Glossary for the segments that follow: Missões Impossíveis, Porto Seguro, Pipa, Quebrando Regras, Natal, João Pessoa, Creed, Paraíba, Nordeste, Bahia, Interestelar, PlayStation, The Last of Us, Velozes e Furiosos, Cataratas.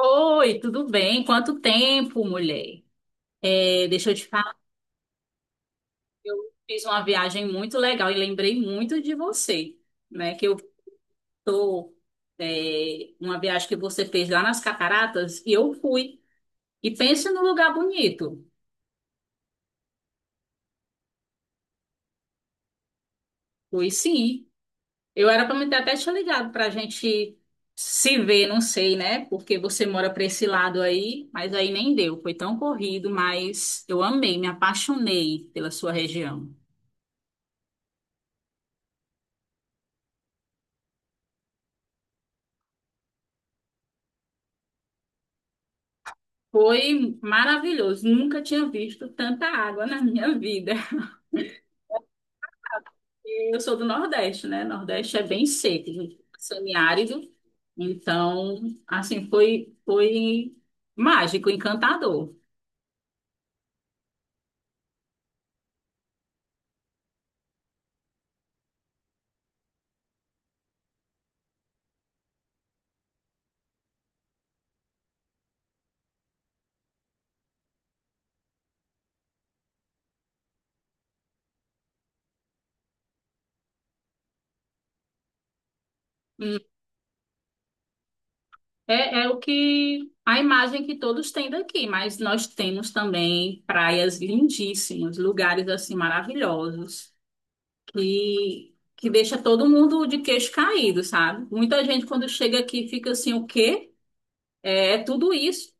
Oi, tudo bem? Quanto tempo, mulher? É, deixa eu te falar, eu fiz uma viagem muito legal e lembrei muito de você, né? Que eu tô, é, uma viagem que você fez lá nas Cataratas e eu fui. E pense num lugar bonito. Fui sim. Eu era para me ter até te ligado para a gente se ver, não sei, né? Porque você mora para esse lado aí, mas aí nem deu. Foi tão corrido, mas eu amei, me apaixonei pela sua região. Foi maravilhoso. Nunca tinha visto tanta água na minha vida. E eu sou do Nordeste, né? Nordeste é bem seco, semiárido. Então, assim, foi mágico, encantador. Hum, É, é o que a imagem que todos têm daqui, mas nós temos também praias lindíssimas, lugares assim maravilhosos, que deixa todo mundo de queixo caído, sabe? Muita gente quando chega aqui fica assim, o quê? É tudo isso.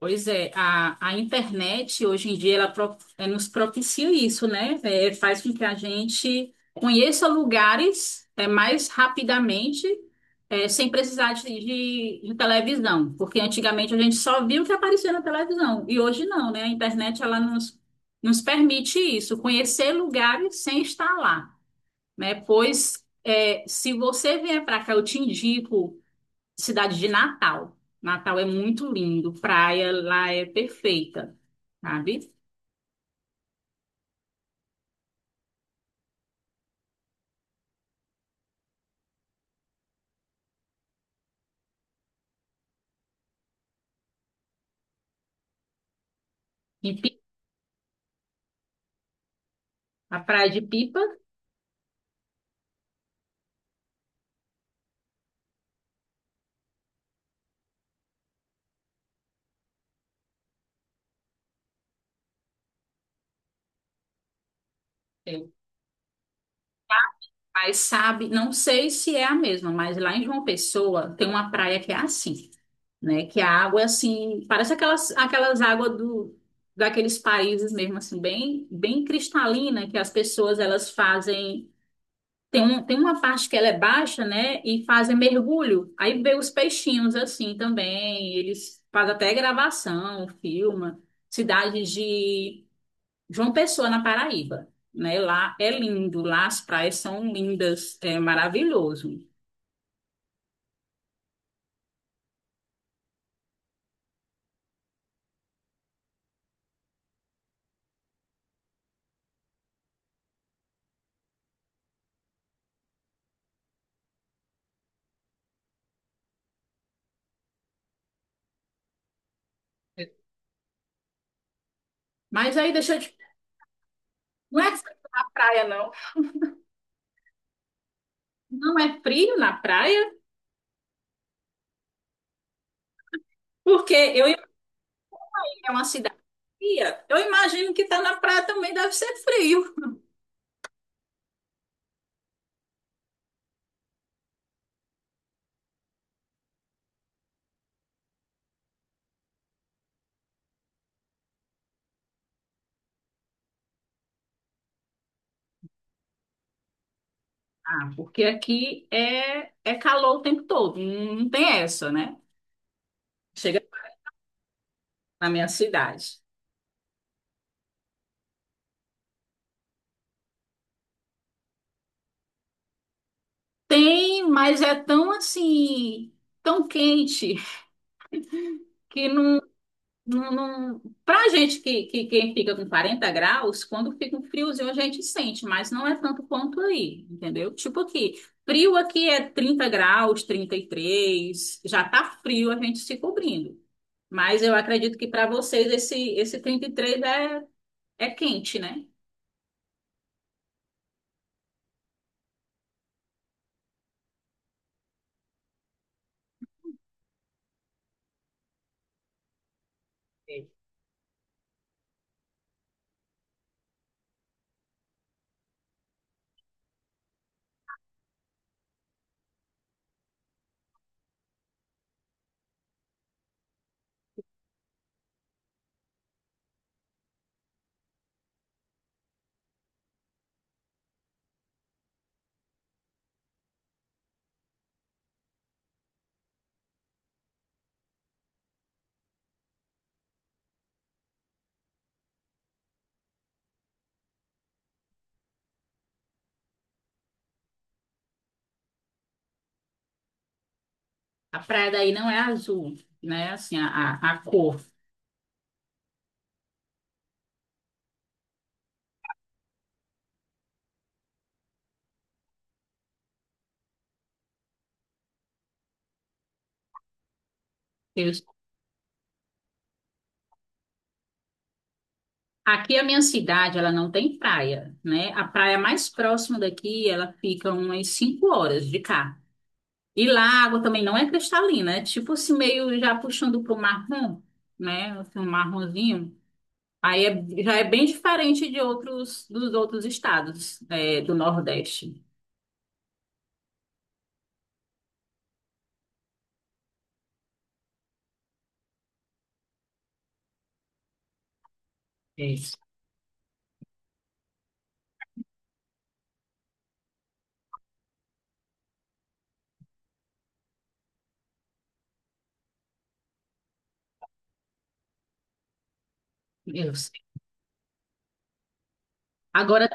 Pois é, a internet hoje em dia ela nos propicia isso, né? Faz com que a gente conheça lugares mais rapidamente, sem precisar de televisão, porque antigamente a gente só via o que aparecia na televisão e hoje não, né? A internet ela nos, nos permite isso, conhecer lugares sem estar lá, né? Pois se você vier para cá, eu te indico. Cidade de Natal. Natal é muito lindo, praia lá é perfeita, sabe? Em Pi- a praia de Pipa, é, mas sabe, não sei se é a mesma, mas lá em João Pessoa tem uma praia que é assim, né? Que a água é assim, parece aquelas águas do daqueles países mesmo assim, bem cristalina, que as pessoas elas fazem. Tem uma parte que ela é baixa, né? E fazem mergulho. Aí vê os peixinhos assim também. Eles fazem até gravação, filma. Cidade de João Pessoa, na Paraíba. Né? Lá é lindo, lá as praias são lindas, é maravilhoso. Mas aí deixa eu te... Não é frio na praia, não. Não é frio na praia, porque eu é uma cidade fria. Eu imagino que tá na praia também deve ser frio. Ah, porque aqui é, é calor o tempo todo, não tem essa, né? Chega na minha cidade. Tem, mas é tão assim, tão quente, que não... Pra gente que fica com 40 graus, quando fica um friozinho a gente sente, mas não é tanto quanto aí, entendeu? Tipo aqui, frio aqui é 30 graus, 33 já tá frio a gente se cobrindo. Mas eu acredito que para vocês esse 33 é, é quente, né? A praia daí não é azul, né? Assim, a cor. Eu- Aqui a minha cidade, ela não tem praia, né? A praia mais próxima daqui, ela fica umas 5 horas de cá. E lá a água também não é cristalina, é tipo assim, meio já puxando pro marrom, né? Assim, um marronzinho. Já é bem diferente dos outros estados, é, do Nordeste. É isso. Isso. Agora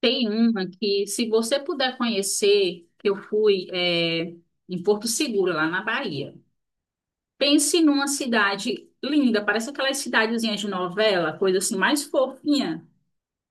tem uma que, se você puder conhecer, que eu fui é, em Porto Seguro, lá na Bahia. Pense numa cidade linda, parece aquelas cidadezinhas de novela, coisa assim mais fofinha,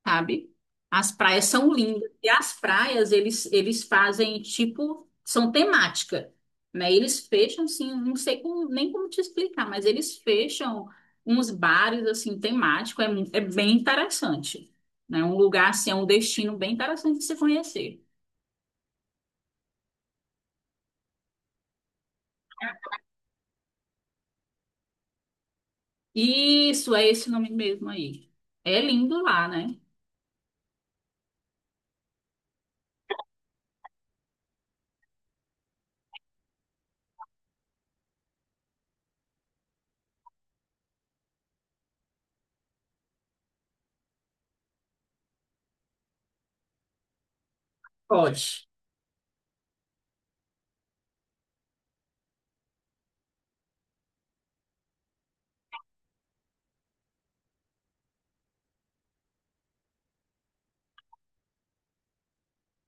sabe? As praias são lindas e as praias eles fazem tipo são temática, né? Eles fecham assim, não sei nem como te explicar, mas eles fecham uns bares assim temáticos é, é bem interessante, né? Um lugar assim, é um destino bem interessante de se conhecer. Isso é esse nome mesmo aí. É lindo lá, né? Pode.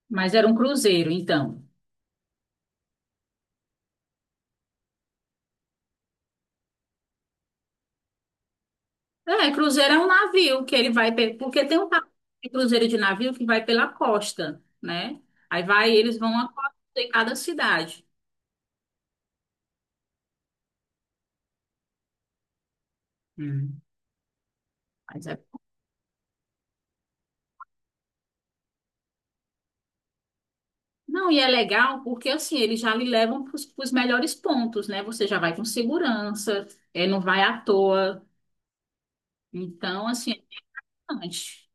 Mas era um cruzeiro, então. É, cruzeiro é um navio que ele vai, porque tem um de cruzeiro de navio que vai pela costa, né? Aí vai, eles vão a costa de cada cidade. Uhum. Mas é- Não, e é legal porque assim, eles já lhe levam para os melhores pontos, né? Você já vai com segurança, é, não vai à toa. Então, assim, é importante.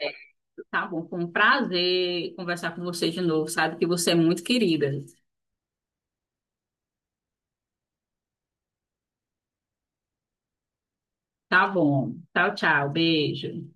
É, tá bom, foi um prazer conversar com você de novo, sabe que você é muito querida. Tá bom. Tchau, tchau. Beijo.